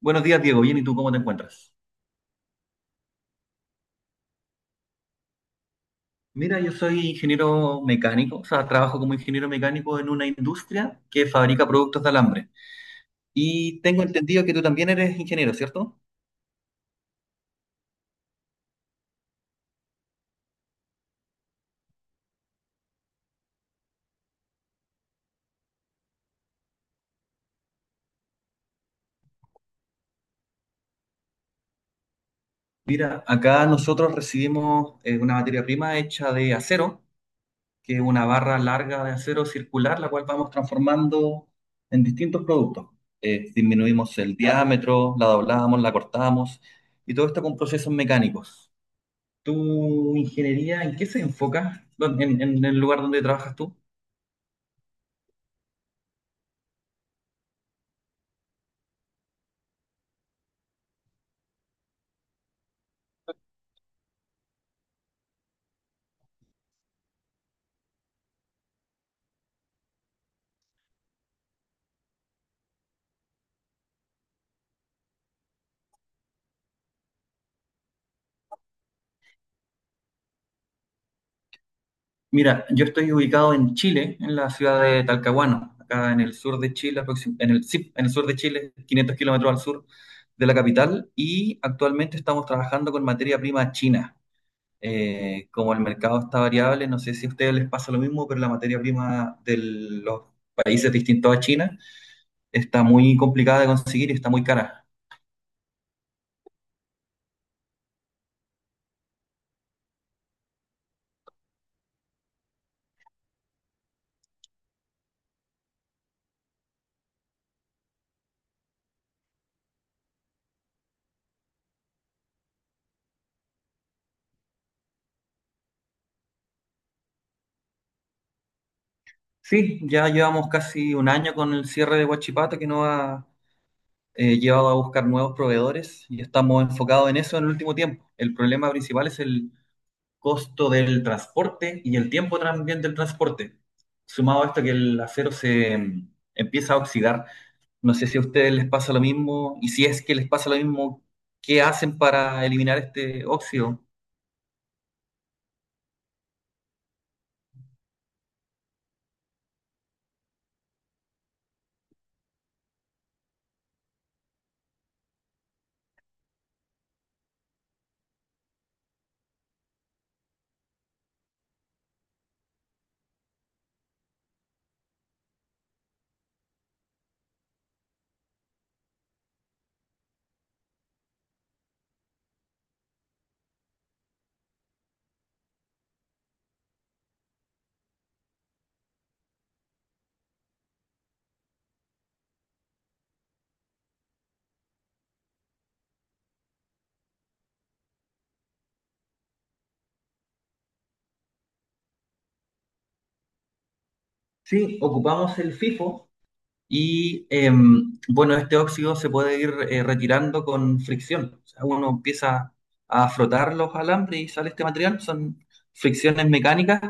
Buenos días, Diego. Bien, ¿y tú cómo te encuentras? Mira, yo soy ingeniero mecánico, o sea, trabajo como ingeniero mecánico en una industria que fabrica productos de alambre. Y tengo entendido que tú también eres ingeniero, ¿cierto? Mira, acá nosotros recibimos una materia prima hecha de acero, que es una barra larga de acero circular, la cual vamos transformando en distintos productos. Disminuimos el diámetro, la doblamos, la cortamos, y todo esto con procesos mecánicos. ¿Tu ingeniería en qué se enfoca? En el lugar donde trabajas tú? Mira, yo estoy ubicado en Chile, en la ciudad de Talcahuano, acá en el sur de Chile, en el, sí, en el sur de Chile, 500 kilómetros al sur de la capital, y actualmente estamos trabajando con materia prima china. Como el mercado está variable, no sé si a ustedes les pasa lo mismo, pero la materia prima de los países distintos a China está muy complicada de conseguir y está muy cara. Sí, ya llevamos casi un año con el cierre de Huachipato que nos ha llevado a buscar nuevos proveedores y estamos enfocados en eso en el último tiempo. El problema principal es el costo del transporte y el tiempo también del transporte. Sumado a esto que el acero se empieza a oxidar. No sé si a ustedes les pasa lo mismo y si es que les pasa lo mismo, ¿qué hacen para eliminar este óxido? Sí, ocupamos el FIFO. Bueno, este óxido se puede ir retirando con fricción. O sea, uno empieza a frotar los alambres y sale este material. Son fricciones mecánicas,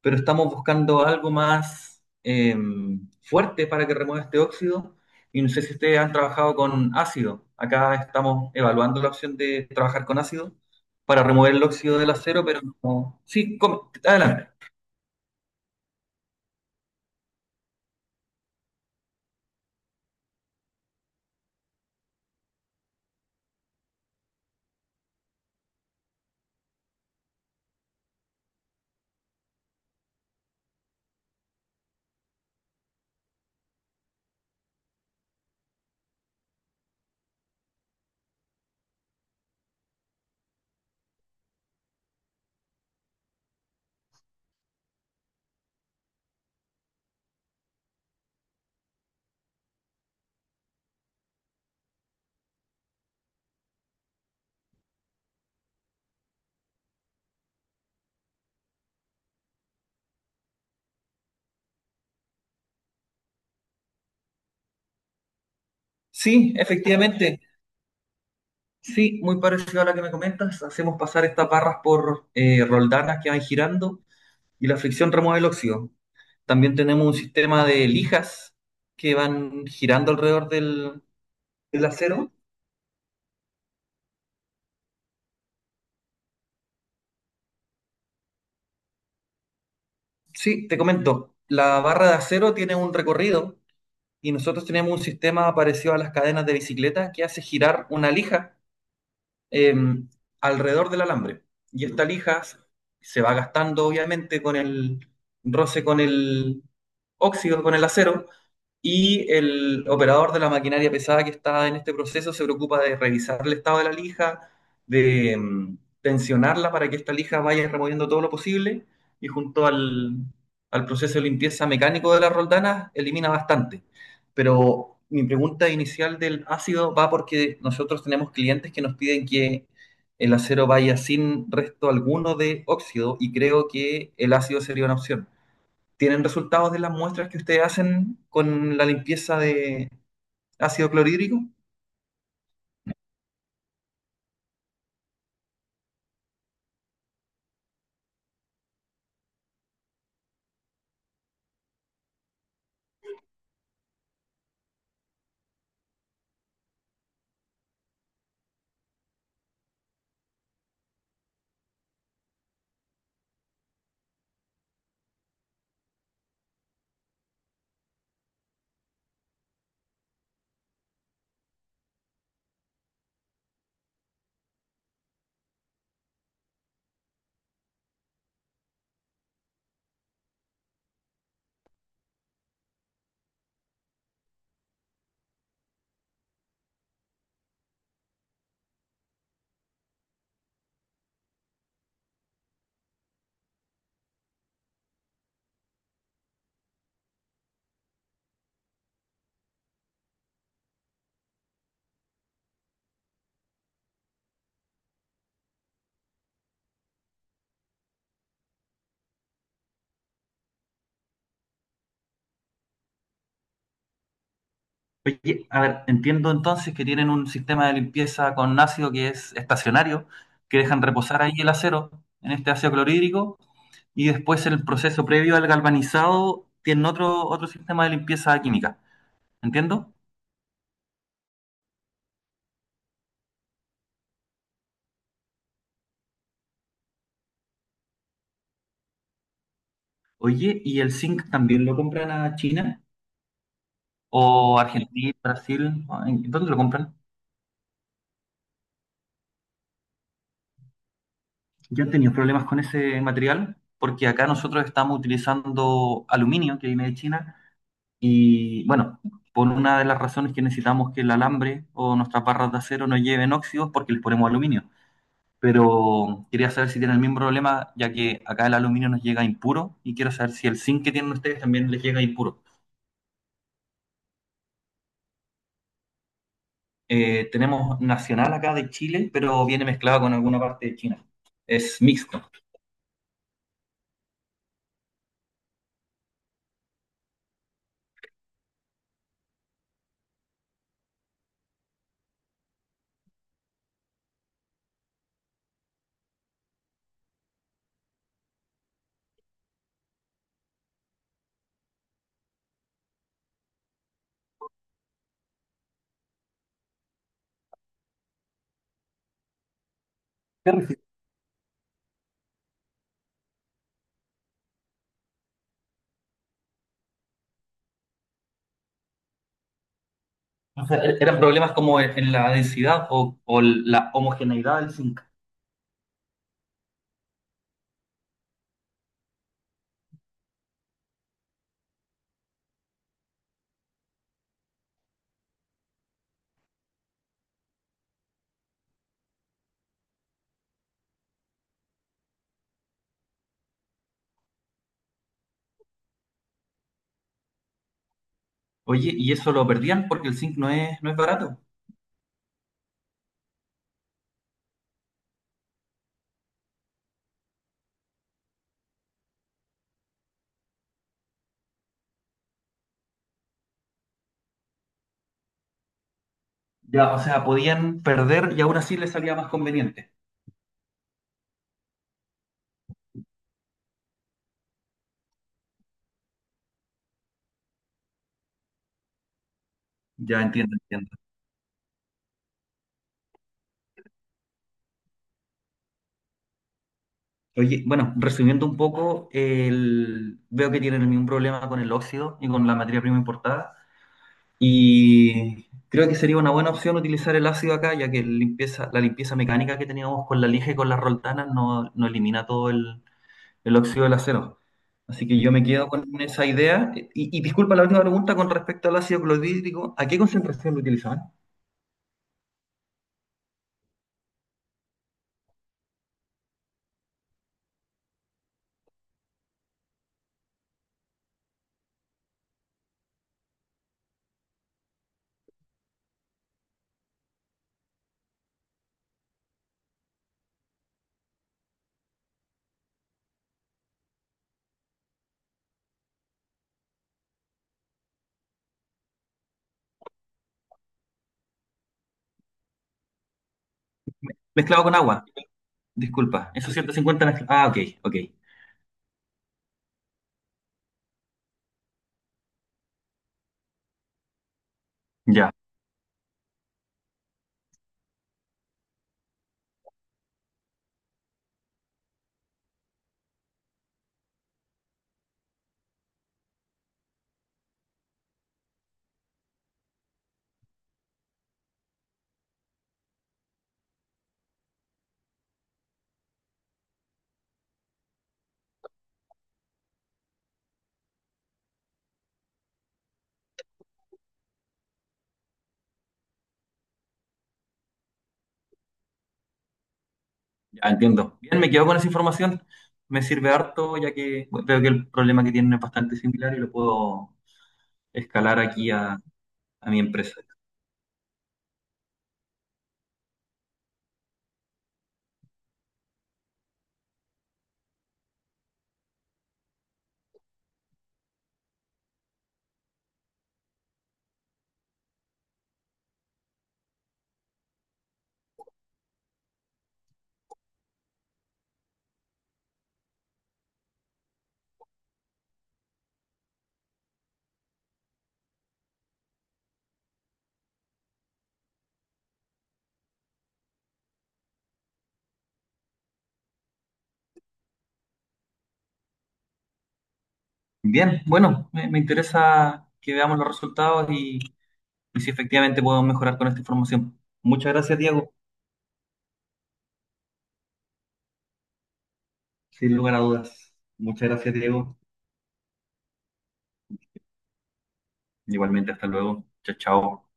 pero estamos buscando algo más fuerte para que remueva este óxido. Y no sé si ustedes han trabajado con ácido. Acá estamos evaluando la opción de trabajar con ácido para remover el óxido del acero, pero adelante. Sí, efectivamente. Sí, muy parecido a la que me comentas. Hacemos pasar estas barras por roldanas que van girando y la fricción remueve el óxido. También tenemos un sistema de lijas que van girando alrededor del, del acero. Sí, te comento, la barra de acero tiene un recorrido y nosotros tenemos un sistema parecido a las cadenas de bicicleta que hace girar una lija eh, alrededor del alambre. Y esta lija se va gastando obviamente con el roce con el óxido, con el acero. Y el operador de la maquinaria pesada que está en este proceso se preocupa de revisar el estado de la lija, de tensionarla para que esta lija vaya removiendo todo lo posible y junto al, al proceso de limpieza mecánico de las roldanas elimina bastante. Pero mi pregunta inicial del ácido va porque nosotros tenemos clientes que nos piden que el acero vaya sin resto alguno de óxido y creo que el ácido sería una opción. ¿Tienen resultados de las muestras que ustedes hacen con la limpieza de ácido clorhídrico? Oye, a ver, entiendo entonces que tienen un sistema de limpieza con ácido que es estacionario, que dejan reposar ahí el acero en este ácido clorhídrico y después en el proceso previo al galvanizado tienen otro, otro sistema de limpieza química. ¿Entiendo? Oye, ¿y el zinc también lo compran a China o Argentina, Brasil? ¿Dónde lo compran? Yo he tenido problemas con ese material porque acá nosotros estamos utilizando aluminio que viene de China y bueno, por una de las razones que necesitamos que el alambre o nuestras barras de acero no lleven óxidos porque les ponemos aluminio. Pero quería saber si tienen el mismo problema ya que acá el aluminio nos llega impuro y quiero saber si el zinc que tienen ustedes también les llega impuro. Tenemos nacional acá de Chile, pero viene mezclado con alguna parte de China. Es mixto. O sea, eran problemas como en la densidad o la homogeneidad del zinc. Oye, y eso lo perdían porque el zinc no es, no es barato. Ya, o sea, podían perder y aún así les salía más conveniente. Ya entiendo, entiendo. Oye, bueno, resumiendo un poco, el- veo que tienen el mismo problema con el óxido y con la materia prima importada. Y creo que sería una buena opción utilizar el ácido acá, ya que limpieza, la limpieza mecánica que teníamos con la lija y con las roldanas no, no elimina todo el óxido del acero. Así que yo me quedo con esa idea. Y disculpa la última pregunta con respecto al ácido clorhídrico. ¿A qué concentración lo utilizaban? Mezclado con agua. Disculpa. Esos 150 mezcla- Ah, ok, ok. Ya, ya entiendo. Bien, me quedo con esa información. Me sirve harto, ya que bueno, veo que el problema que tienen es bastante similar y lo puedo escalar aquí a mi empresa. Bien, bueno, me interesa que veamos los resultados y si efectivamente podemos mejorar con esta información. Muchas gracias, Diego. Sin lugar a dudas. Muchas gracias, Diego. Igualmente, hasta luego. Chao, chao.